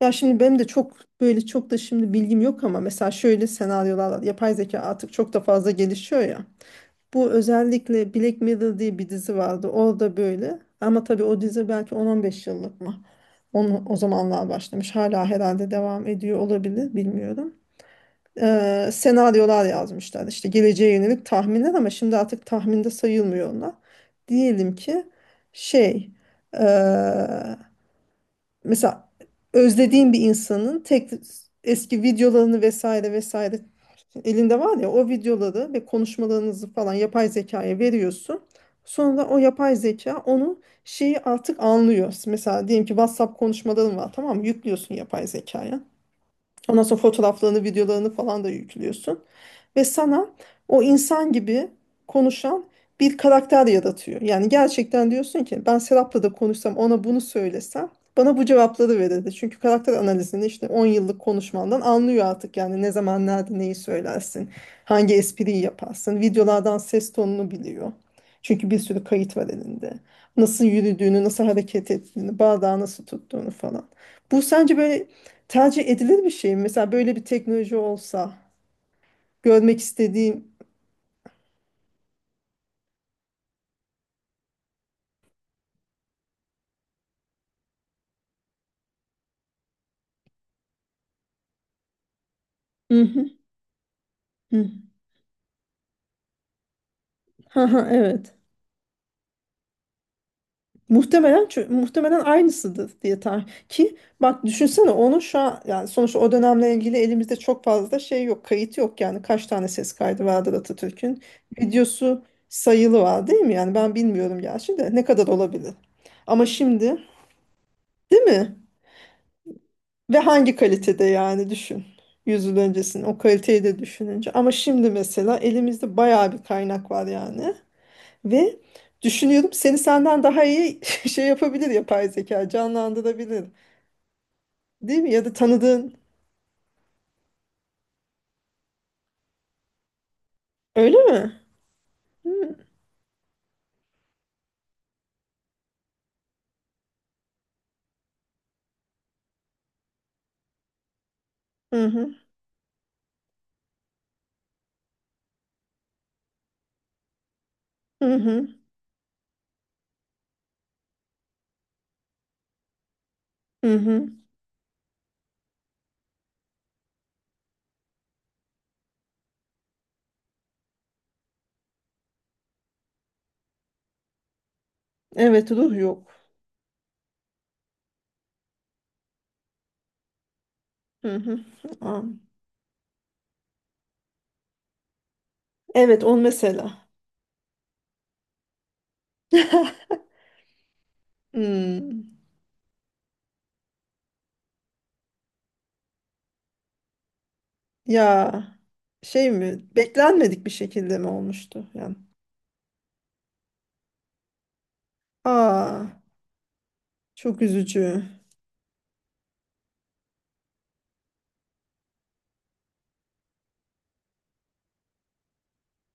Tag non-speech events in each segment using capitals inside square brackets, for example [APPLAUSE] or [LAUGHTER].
Ya şimdi benim de çok böyle çok da şimdi bilgim yok ama mesela şöyle senaryolar var. Yapay zeka artık çok da fazla gelişiyor ya. Bu özellikle Black Mirror diye bir dizi vardı. Orada böyle ama tabii o dizi belki 10-15 yıllık mı? Onu, o zamanlar başlamış. Hala herhalde devam ediyor olabilir bilmiyorum. Senaryolar yazmışlar işte geleceğe yönelik tahminler ama şimdi artık tahminde sayılmıyor onlar. Diyelim ki şey ee, mesela özlediğin bir insanın tek eski videolarını vesaire vesaire elinde var ya o videoları ve konuşmalarınızı falan yapay zekaya veriyorsun. Sonra o yapay zeka onu şeyi artık anlıyor. Mesela diyelim ki WhatsApp konuşmaların var tamam mı? Yüklüyorsun yapay zekaya. Ondan sonra fotoğraflarını, videolarını falan da yüklüyorsun ve sana o insan gibi konuşan bir karakter yaratıyor. Yani gerçekten diyorsun ki ben Serap'la da konuşsam ona bunu söylesem bana bu cevapları verirdi. Çünkü karakter analizini işte 10 yıllık konuşmandan anlıyor artık yani ne zaman nerede neyi söylersin, hangi espriyi yaparsın, videolardan ses tonunu biliyor. Çünkü bir sürü kayıt var elinde. Nasıl yürüdüğünü, nasıl hareket ettiğini, bardağı nasıl tuttuğunu falan. Bu sence böyle tercih edilir bir şey mi? Mesela böyle bir teknoloji olsa görmek istediğim. Hı hı, hı. Ha ha, evet. Muhtemelen aynısıdır diye tarih. Ki bak düşünsene onu şu an yani sonuçta o dönemle ilgili elimizde çok fazla şey yok, kayıt yok yani kaç tane ses kaydı vardır Atatürk'ün. Videosu sayılı var değil mi? Yani ben bilmiyorum gerçi de ne kadar olabilir. Ama şimdi değil mi? Ve hangi kalitede yani düşün. 100 yıl öncesinin o kaliteyi de düşününce. Ama şimdi mesela elimizde bayağı bir kaynak var yani. Ve düşünüyorum seni senden daha iyi [LAUGHS] şey yapabilir yapay zeka, canlandırabilir. Değil mi? Ya da tanıdığın. Öyle mi? Hı hı. Hı hı. Hı hı. Evet, ruh yok. Hı hı. Aa, evet, on mesela. [LAUGHS] Hmm. Ya şey mi? Beklenmedik bir şekilde mi olmuştu? Yani. Aa, çok üzücü.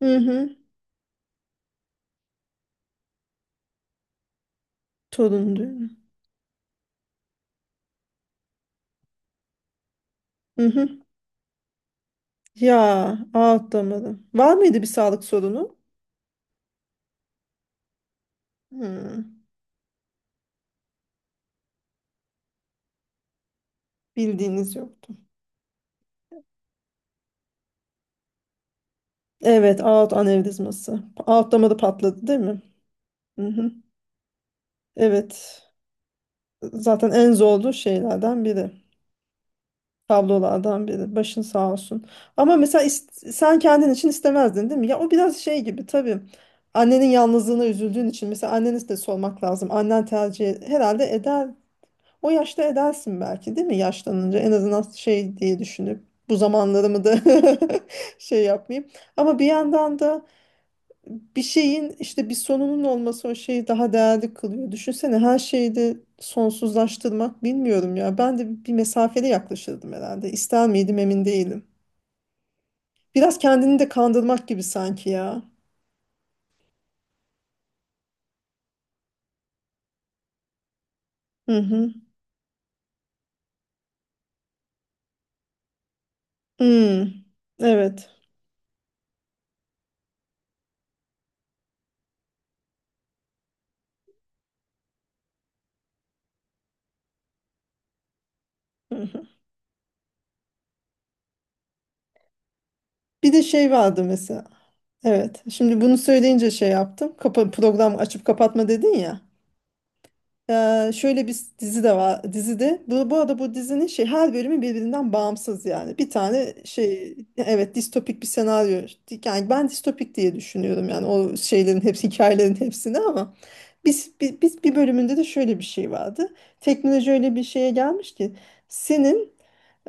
Hı hı. Torun düğünü. Hı hı. Ya, ağıt damarı. Var mıydı bir sağlık sorunu? Hı. Bildiğiniz yoktu. Evet, aort anevrizması. Aort damarı patladı değil mi? Hı hı. Evet. Zaten en zorlu şeylerden biri. Tablolardan biri. Başın sağ olsun. Ama mesela sen kendin için istemezdin değil mi? Ya o biraz şey gibi tabii. Annenin yalnızlığına üzüldüğün için mesela anneniz de sormak lazım. Annen tercih herhalde eder. O yaşta edersin belki değil mi? Yaşlanınca en azından şey diye düşünüp bu zamanlarımı da [LAUGHS] şey yapmayayım. Ama bir yandan da bir şeyin işte bir sonunun olması o şeyi daha değerli kılıyor. Düşünsene her şeyi de sonsuzlaştırmak bilmiyorum ya. Ben de bir mesafeli yaklaşırdım herhalde. İster miydim emin değilim. Biraz kendini de kandırmak gibi sanki ya. Hı hı. Hmm. Evet. Hı hı. Bir de şey vardı mesela. Evet. Şimdi bunu söyleyince şey yaptım. Kapa program açıp kapatma dedin ya. Şöyle bir dizi de var dizide. Bu, bu arada bu dizinin şey her bölümü birbirinden bağımsız yani. Bir tane şey evet distopik bir senaryo. Yani ben distopik diye düşünüyorum yani o şeylerin hepsi [LAUGHS] hikayelerin hepsini ama biz bir bölümünde de şöyle bir şey vardı. Teknoloji öyle bir şeye gelmiş ki senin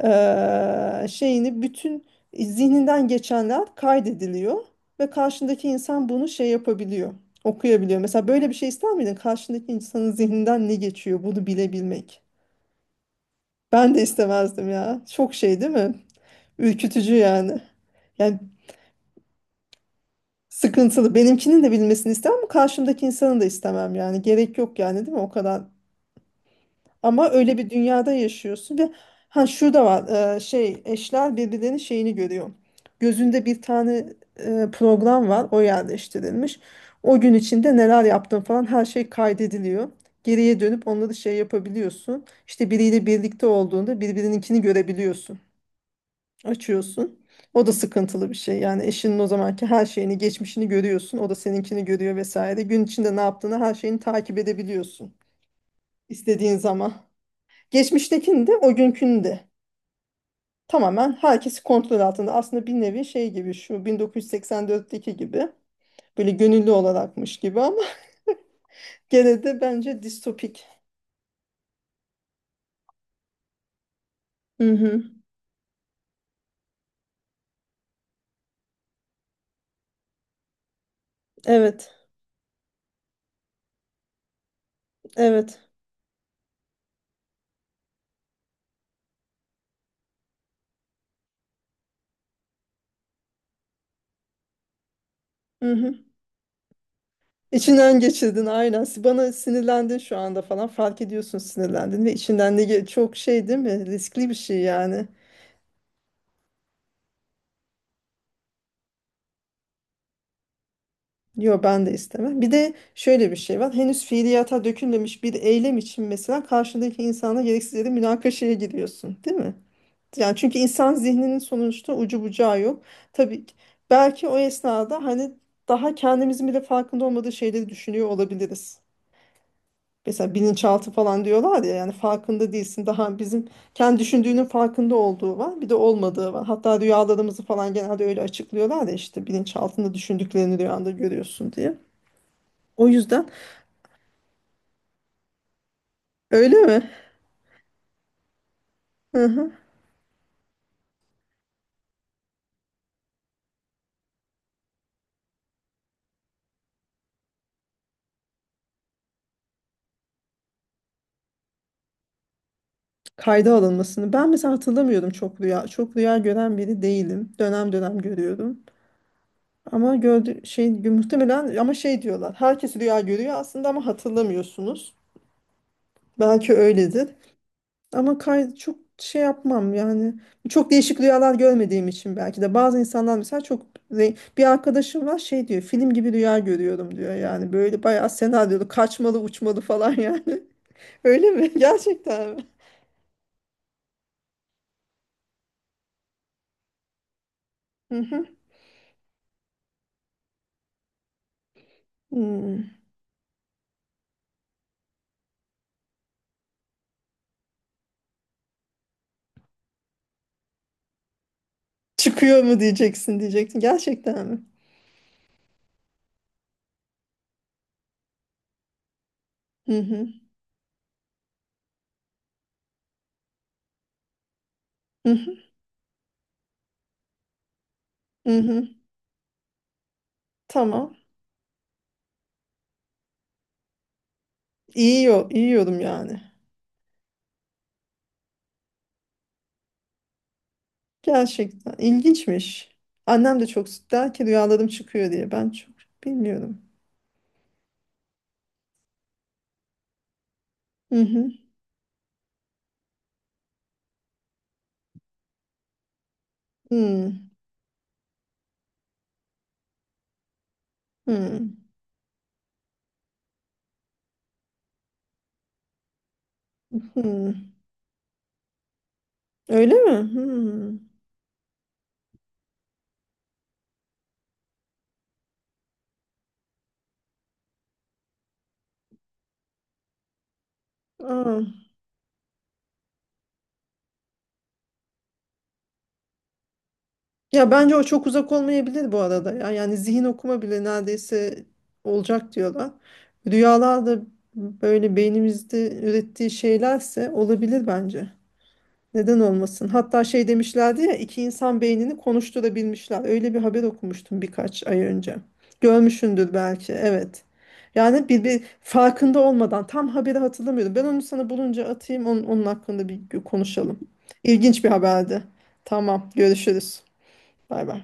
şeyini bütün zihninden geçenler kaydediliyor ve karşındaki insan bunu şey yapabiliyor, okuyabiliyor. Mesela böyle bir şey ister miydin? Karşındaki insanın zihninden ne geçiyor bunu bilebilmek. Ben de istemezdim ya. Çok şey değil mi? Ürkütücü yani. Yani sıkıntılı. Benimkinin de bilmesini istemem ama karşımdaki insanın da istemem yani. Gerek yok yani değil mi? O kadar. Ama öyle bir dünyada yaşıyorsun ve ha şurada var eşler birbirlerinin şeyini görüyor. Gözünde bir tane program var o yerleştirilmiş. O gün içinde neler yaptın falan her şey kaydediliyor. Geriye dönüp onları şey yapabiliyorsun. İşte biriyle birlikte olduğunda birbirininkini görebiliyorsun. Açıyorsun. O da sıkıntılı bir şey. Yani eşinin o zamanki her şeyini, geçmişini görüyorsun. O da seninkini görüyor vesaire. Gün içinde ne yaptığını her şeyini takip edebiliyorsun. İstediğin zaman. Geçmiştekini de o günkünü de tamamen herkesi kontrol altında. Aslında bir nevi şey gibi şu 1984'teki gibi böyle gönüllü olarakmış gibi ama [LAUGHS] gene de bence distopik. Hı hı. Evet, evet. Hı hı. İçinden geçirdin aynen. Bana sinirlendin şu anda falan fark ediyorsun, sinirlendin ve içinden çok şey değil mi? Riskli bir şey yani. Yo, ben de istemem. Bir de şöyle bir şey var. Henüz fiiliyata dökülmemiş bir eylem için mesela karşındaki insana gereksiz yere münakaşaya giriyorsun, değil mi? Yani çünkü insan zihninin sonuçta ucu bucağı yok. Tabii ki- belki o esnada hani daha kendimizin bile farkında olmadığı şeyleri düşünüyor olabiliriz. Mesela bilinçaltı falan diyorlar ya yani farkında değilsin daha bizim kendi düşündüğünün farkında olduğu var bir de olmadığı var. Hatta rüyalarımızı falan genelde öyle açıklıyorlar ya işte bilinçaltında düşündüklerini rüyanda görüyorsun diye. O yüzden öyle mi? Hı hı. Kayda alınmasını. Ben mesela hatırlamıyorum çok rüya. Çok rüya gören biri değilim. Dönem dönem görüyorum. Ama gördü şey muhtemelen ama şey diyorlar. Herkes rüya görüyor aslında ama hatırlamıyorsunuz. Belki öyledir. Ama kay çok şey yapmam yani. Çok değişik rüyalar görmediğim için belki de bazı insanlar mesela çok bir arkadaşım var şey diyor. Film gibi rüya görüyorum diyor. Yani böyle bayağı senaryolu kaçmalı uçmalı falan yani. [LAUGHS] Öyle mi? [LAUGHS] Gerçekten mi? Hı hı. Hmm. Çıkıyor mu diyeceksin, diyecektin. Gerçekten mi? Hı hı. Hı hı. Hı hı. Tamam. İyi, yo- iyi yorum yani. Gerçekten ilginçmiş. Annem de çok sık der ki rüyalarım çıkıyor diye. Ben çok bilmiyorum. Hı hı. Hı. Hı. Hı. Öyle mi? Hı. Aa. Ya bence o çok uzak olmayabilir bu arada. Ya, yani zihin okuma bile neredeyse olacak diyorlar. Rüyalar da böyle beynimizde ürettiği şeylerse olabilir bence. Neden olmasın? Hatta şey demişlerdi ya iki insan beynini konuşturabilmişler. Öyle bir haber okumuştum birkaç ay önce. Görmüşsündür belki. Evet. Yani bir, bir farkında olmadan tam haberi hatırlamıyorum. Ben onu sana bulunca atayım onun, onun hakkında bir konuşalım. İlginç bir haberdi. Tamam, görüşürüz. Bay bay.